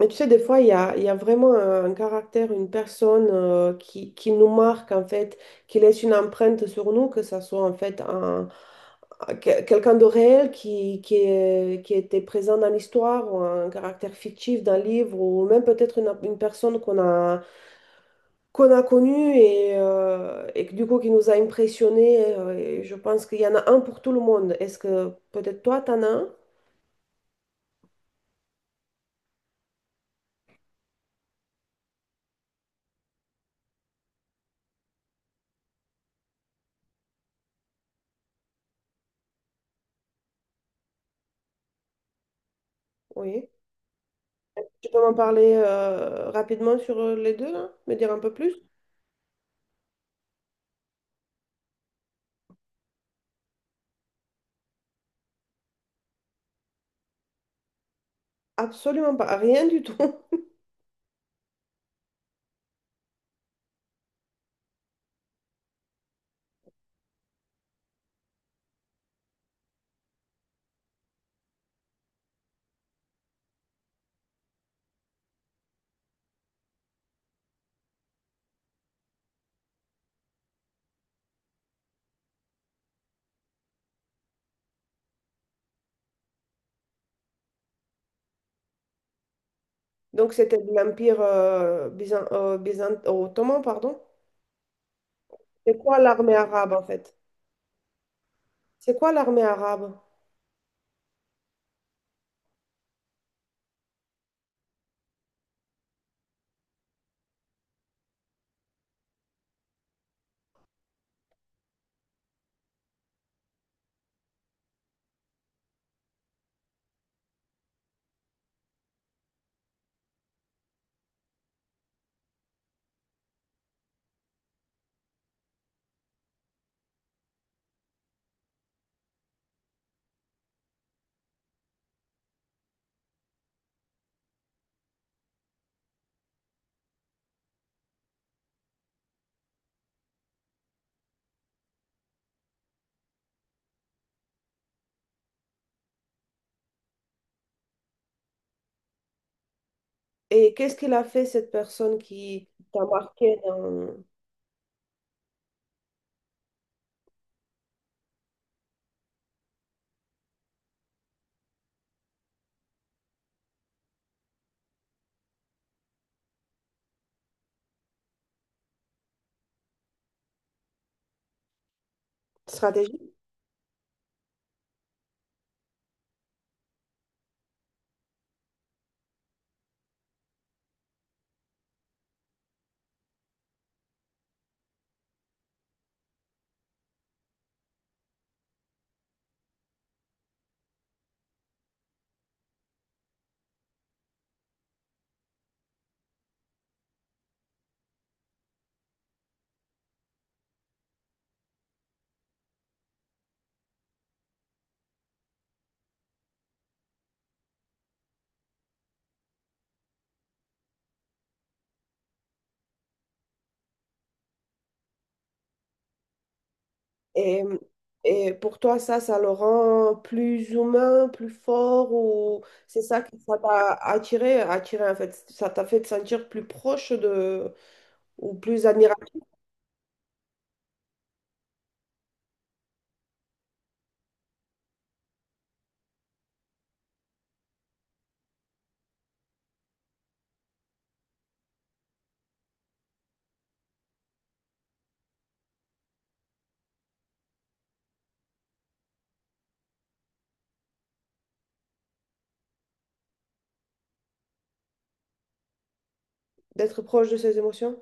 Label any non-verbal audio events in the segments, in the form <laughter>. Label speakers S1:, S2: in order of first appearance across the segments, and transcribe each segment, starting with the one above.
S1: Mais tu sais, des fois, il y a vraiment un caractère, une personne qui nous marque, en fait, qui laisse une empreinte sur nous, que ça soit, en fait, un, quelqu'un de réel qui qui était présent dans l'histoire, ou un caractère fictif d'un livre, ou même peut-être une personne qu'on a connue et que, du coup, qui nous a impressionnés. Euh, et je pense qu'il y en a un pour tout le monde. Est-ce que peut-être toi, t'en as un? Oui. Tu peux m'en parler rapidement sur les deux, là? Me dire un peu plus? Absolument pas, rien du tout. <laughs> Donc c'était de l'Empire ottoman, pardon. C'est quoi l'armée arabe en fait? C'est quoi l'armée arabe? Et qu'est-ce qu'il a fait cette personne qui t'a marqué dans stratégie? Et, et pour toi, ça le rend plus humain, plus fort, ou c'est ça qui ça t'a attiré en fait, ça t'a fait te sentir plus proche de, ou plus admiratif? D'être proche de ses émotions.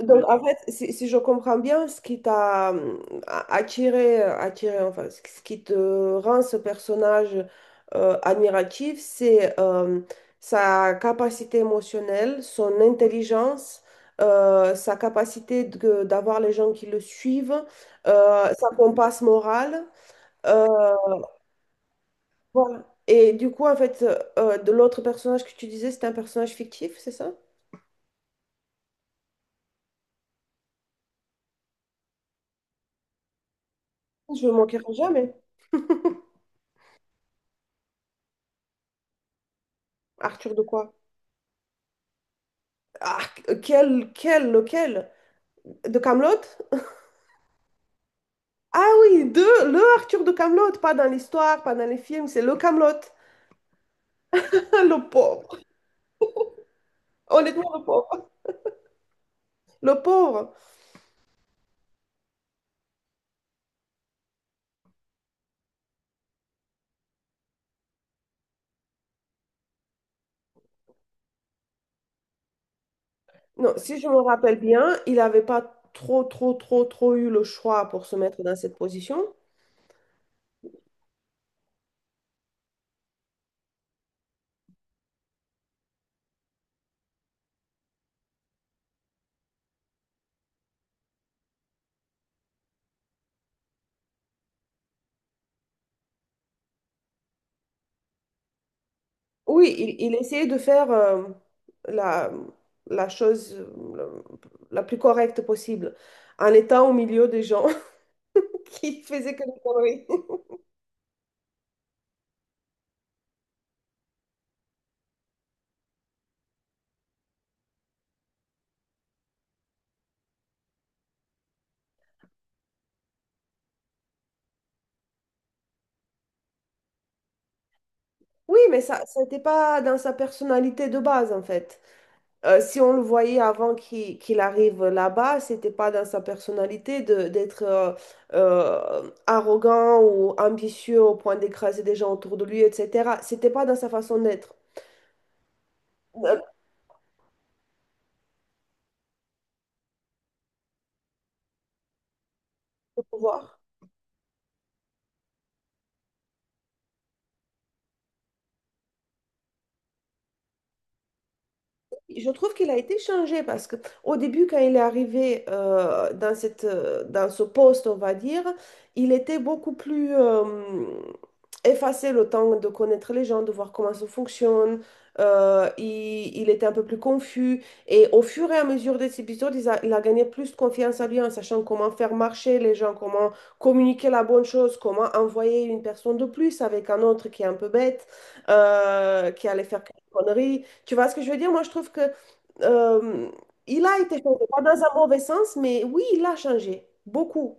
S1: Donc, ouais, en fait, si je comprends bien, ce qui t'a attiré, enfin, ce qui te rend ce personnage admiratif, c'est sa capacité émotionnelle, son intelligence, sa capacité d'avoir les gens qui le suivent, sa compasse morale. euh, voilà. Et du coup, en fait, de l'autre personnage que tu disais, c'était un personnage fictif, c'est ça? Je me moquerai jamais. Arthur de quoi? Ah, lequel? De Kaamelott? Ah oui, de le Arthur de Kaamelott, pas dans l'histoire, pas dans les films, c'est le Kaamelott. <laughs> Le pauvre. Honnêtement, le pauvre. Le pauvre. Non, si je me rappelle bien, il n'avait pas trop eu le choix pour se mettre dans cette position. Oui, il essayait de faire la, la chose la plus correcte possible, en étant au milieu des gens <laughs> qui faisaient que des conneries. <laughs> Oui, mais ça n'était pas dans sa personnalité de base, en fait. Si on le voyait avant qu'il arrive là-bas, c'était pas dans sa personnalité de d'être arrogant ou ambitieux au point d'écraser des gens autour de lui, etc. C'était pas dans sa façon d'être, euh, de pouvoir. Je trouve qu'il a été changé parce que au début, quand il est arrivé dans dans ce poste, on va dire, il était beaucoup plus effacé le temps de connaître les gens, de voir comment ça fonctionne. Il était un peu plus confus. Et au fur et à mesure des épisodes, il a gagné plus de confiance en lui en sachant comment faire marcher les gens, comment communiquer la bonne chose, comment envoyer une personne de plus avec un autre qui est un peu bête, qui allait faire quelques conneries. Tu vois ce que je veux dire? Moi, je trouve que euh, il a été changé, pas dans un mauvais sens, mais oui, il a changé, beaucoup.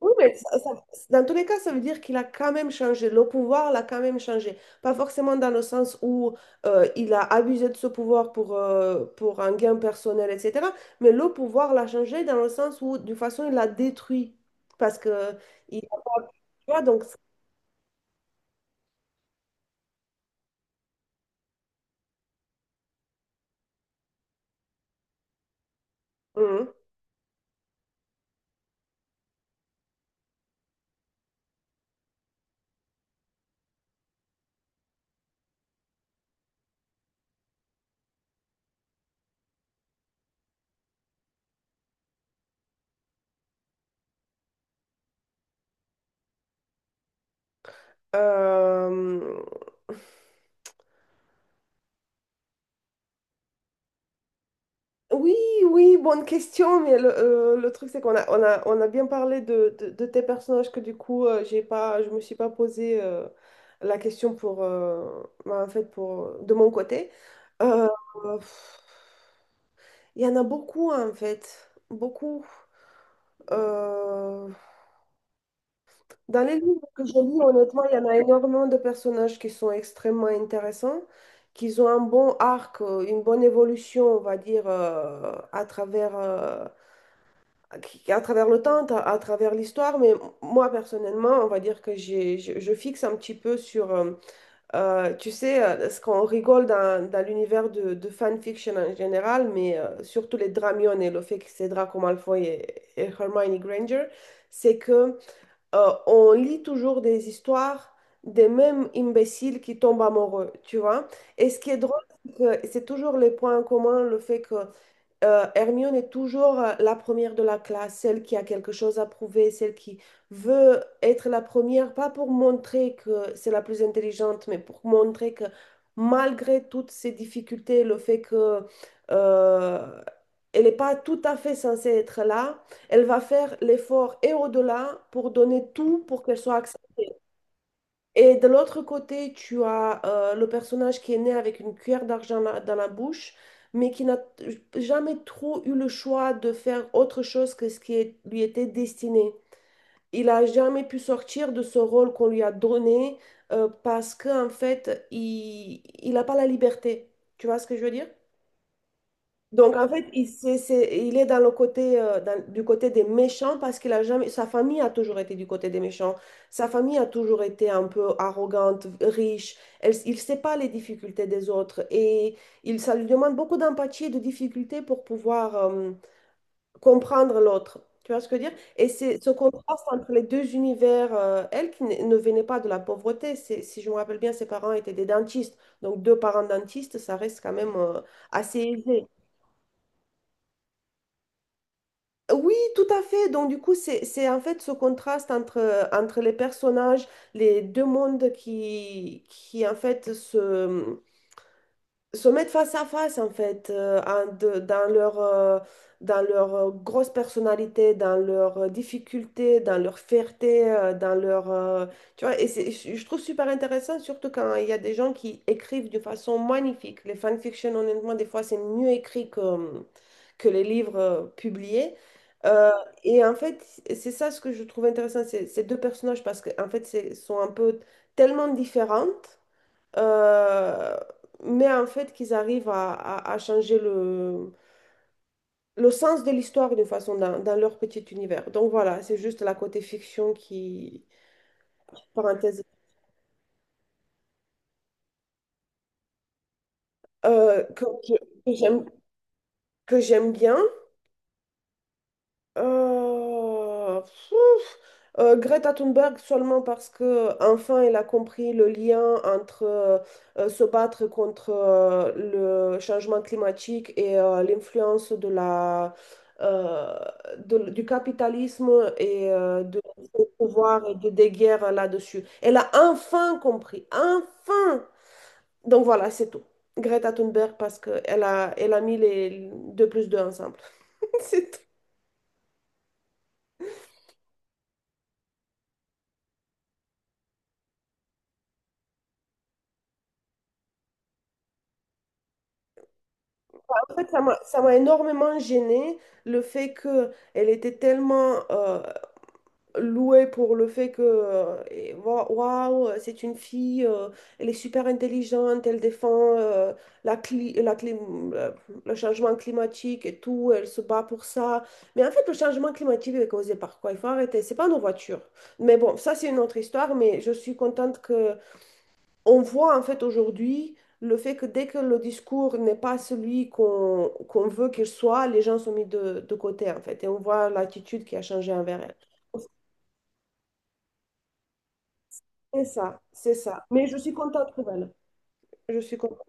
S1: Oui, mais dans tous les cas, ça veut dire qu'il a quand même changé. Le pouvoir l'a quand même changé. Pas forcément dans le sens où il a abusé de ce pouvoir pour un gain personnel, etc. Mais le pouvoir l'a changé dans le sens où, d'une façon, il l'a détruit. Parce que, il, a pas- tu vois, donc, mhm. Euh, oui, oui, bonne question, mais le truc c'est qu'on a, on a, on a bien parlé de de tes personnages que du coup, j'ai pas, je me suis pas posé la question pour, bah, en fait, pour, de mon côté. Euh, pff, Il y en a beaucoup en fait, beaucoup. Euh, dans les livres que je lis, honnêtement, il y en a énormément de personnages qui sont extrêmement intéressants, qui ont un bon arc, une bonne évolution, on va dire, à travers le temps, à travers l'histoire, mais moi personnellement, on va dire que je fixe un petit peu sur, tu sais, ce qu'on rigole dans l'univers de fanfiction en général, mais surtout les Dramion et le fait que c'est Draco Malfoy et Hermione Granger, c'est que on lit toujours des histoires des mêmes imbéciles qui tombent amoureux, tu vois. Et ce qui est drôle, c'est que c'est toujours les points communs, le fait que Hermione est toujours la première de la classe, celle qui a quelque chose à prouver, celle qui veut être la première, pas pour montrer que c'est la plus intelligente, mais pour montrer que malgré toutes ces difficultés, le fait que euh, elle n'est pas tout à fait censée être là, elle va faire l'effort et au-delà pour donner tout pour qu'elle soit acceptée. Et de l'autre côté, tu as le personnage qui est né avec une cuillère d'argent dans la bouche, mais qui n'a jamais trop eu le choix de faire autre chose que ce qui lui était destiné. Il a jamais pu sortir de ce rôle qu'on lui a donné parce qu'en fait, il n'a pas la liberté. Tu vois ce que je veux dire? Donc, en fait, il est dans le côté, du côté des méchants parce qu'il a jamais, sa famille a toujours été du côté des méchants. Sa famille a toujours été un peu arrogante, riche. Il ne sait pas les difficultés des autres et ça lui demande beaucoup d'empathie et de difficulté pour pouvoir, comprendre l'autre. Tu vois ce que je veux dire? Et c'est ce contraste entre les deux univers, elle qui ne venait pas de la pauvreté, c'est, si je me rappelle bien, ses parents étaient des dentistes. Donc, deux parents dentistes, ça reste quand même, assez aisé. Oui, tout à fait. Donc, du coup, c'est en fait ce contraste entre les personnages, les deux mondes qui en fait, se mettre face à face en fait dans leur grosse personnalité dans leurs difficultés dans leur fierté dans leur tu vois et je trouve super intéressant surtout quand il y a des gens qui écrivent de façon magnifique les fanfictions honnêtement des fois c'est mieux écrit que les livres publiés. Euh, et en fait c'est ça ce que je trouve intéressant c'est ces deux personnages parce que en fait sont un peu tellement différentes euh, mais en fait, qu'ils arrivent à changer le sens de l'histoire d'une façon dans leur petit univers. Donc voilà, c'est juste la côté fiction qui, parenthèse, euh, que, que- que j'aime, que j'aime bien. Pfouf. Greta Thunberg seulement parce que enfin elle a compris le lien entre se battre contre le changement climatique et l'influence de la euh, du capitalisme et du pouvoir et des guerres là-dessus. Elle a enfin compris, enfin. Donc voilà, c'est tout. Greta Thunberg parce que elle a mis les deux plus deux ensemble. <laughs> C'est tout. En fait, ça m'a énormément gênée le fait qu'elle était tellement louée pour le fait que waouh, c'est une fille, elle est super intelligente, elle défend la cli- la clim- le changement climatique et tout, elle se bat pour ça. Mais en fait, le changement climatique est causé par quoi? Il faut arrêter, c'est pas nos voitures. Mais bon, ça c'est une autre histoire, mais je suis contente que on voit en fait aujourd'hui le fait que dès que le discours n'est pas celui qu'on veut qu'il soit, les gens sont mis de côté en fait. Et on voit l'attitude qui a changé envers elle. C'est ça. Mais je suis contente pour elle. Je suis contente.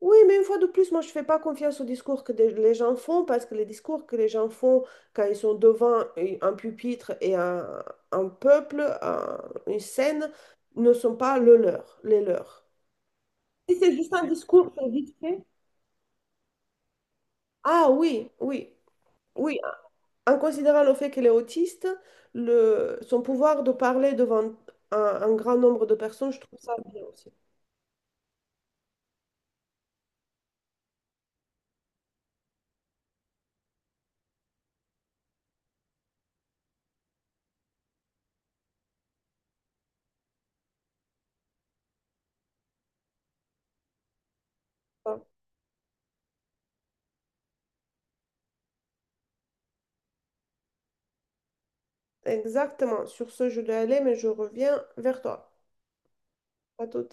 S1: Oui, mais une fois de plus, moi, je ne fais pas confiance aux discours que les gens font parce que les discours que les gens font quand ils sont devant un pupitre et un peuple, une scène, ne sont pas le leur, les leurs. Si c'est juste un discours, c'est vite fait. Ah oui, oui. En considérant le fait qu'elle est autiste, son pouvoir de parler devant un grand nombre de personnes, je trouve ça bien aussi. Voilà. Exactement. Sur ce, je dois aller, mais je reviens vers toi. À tout.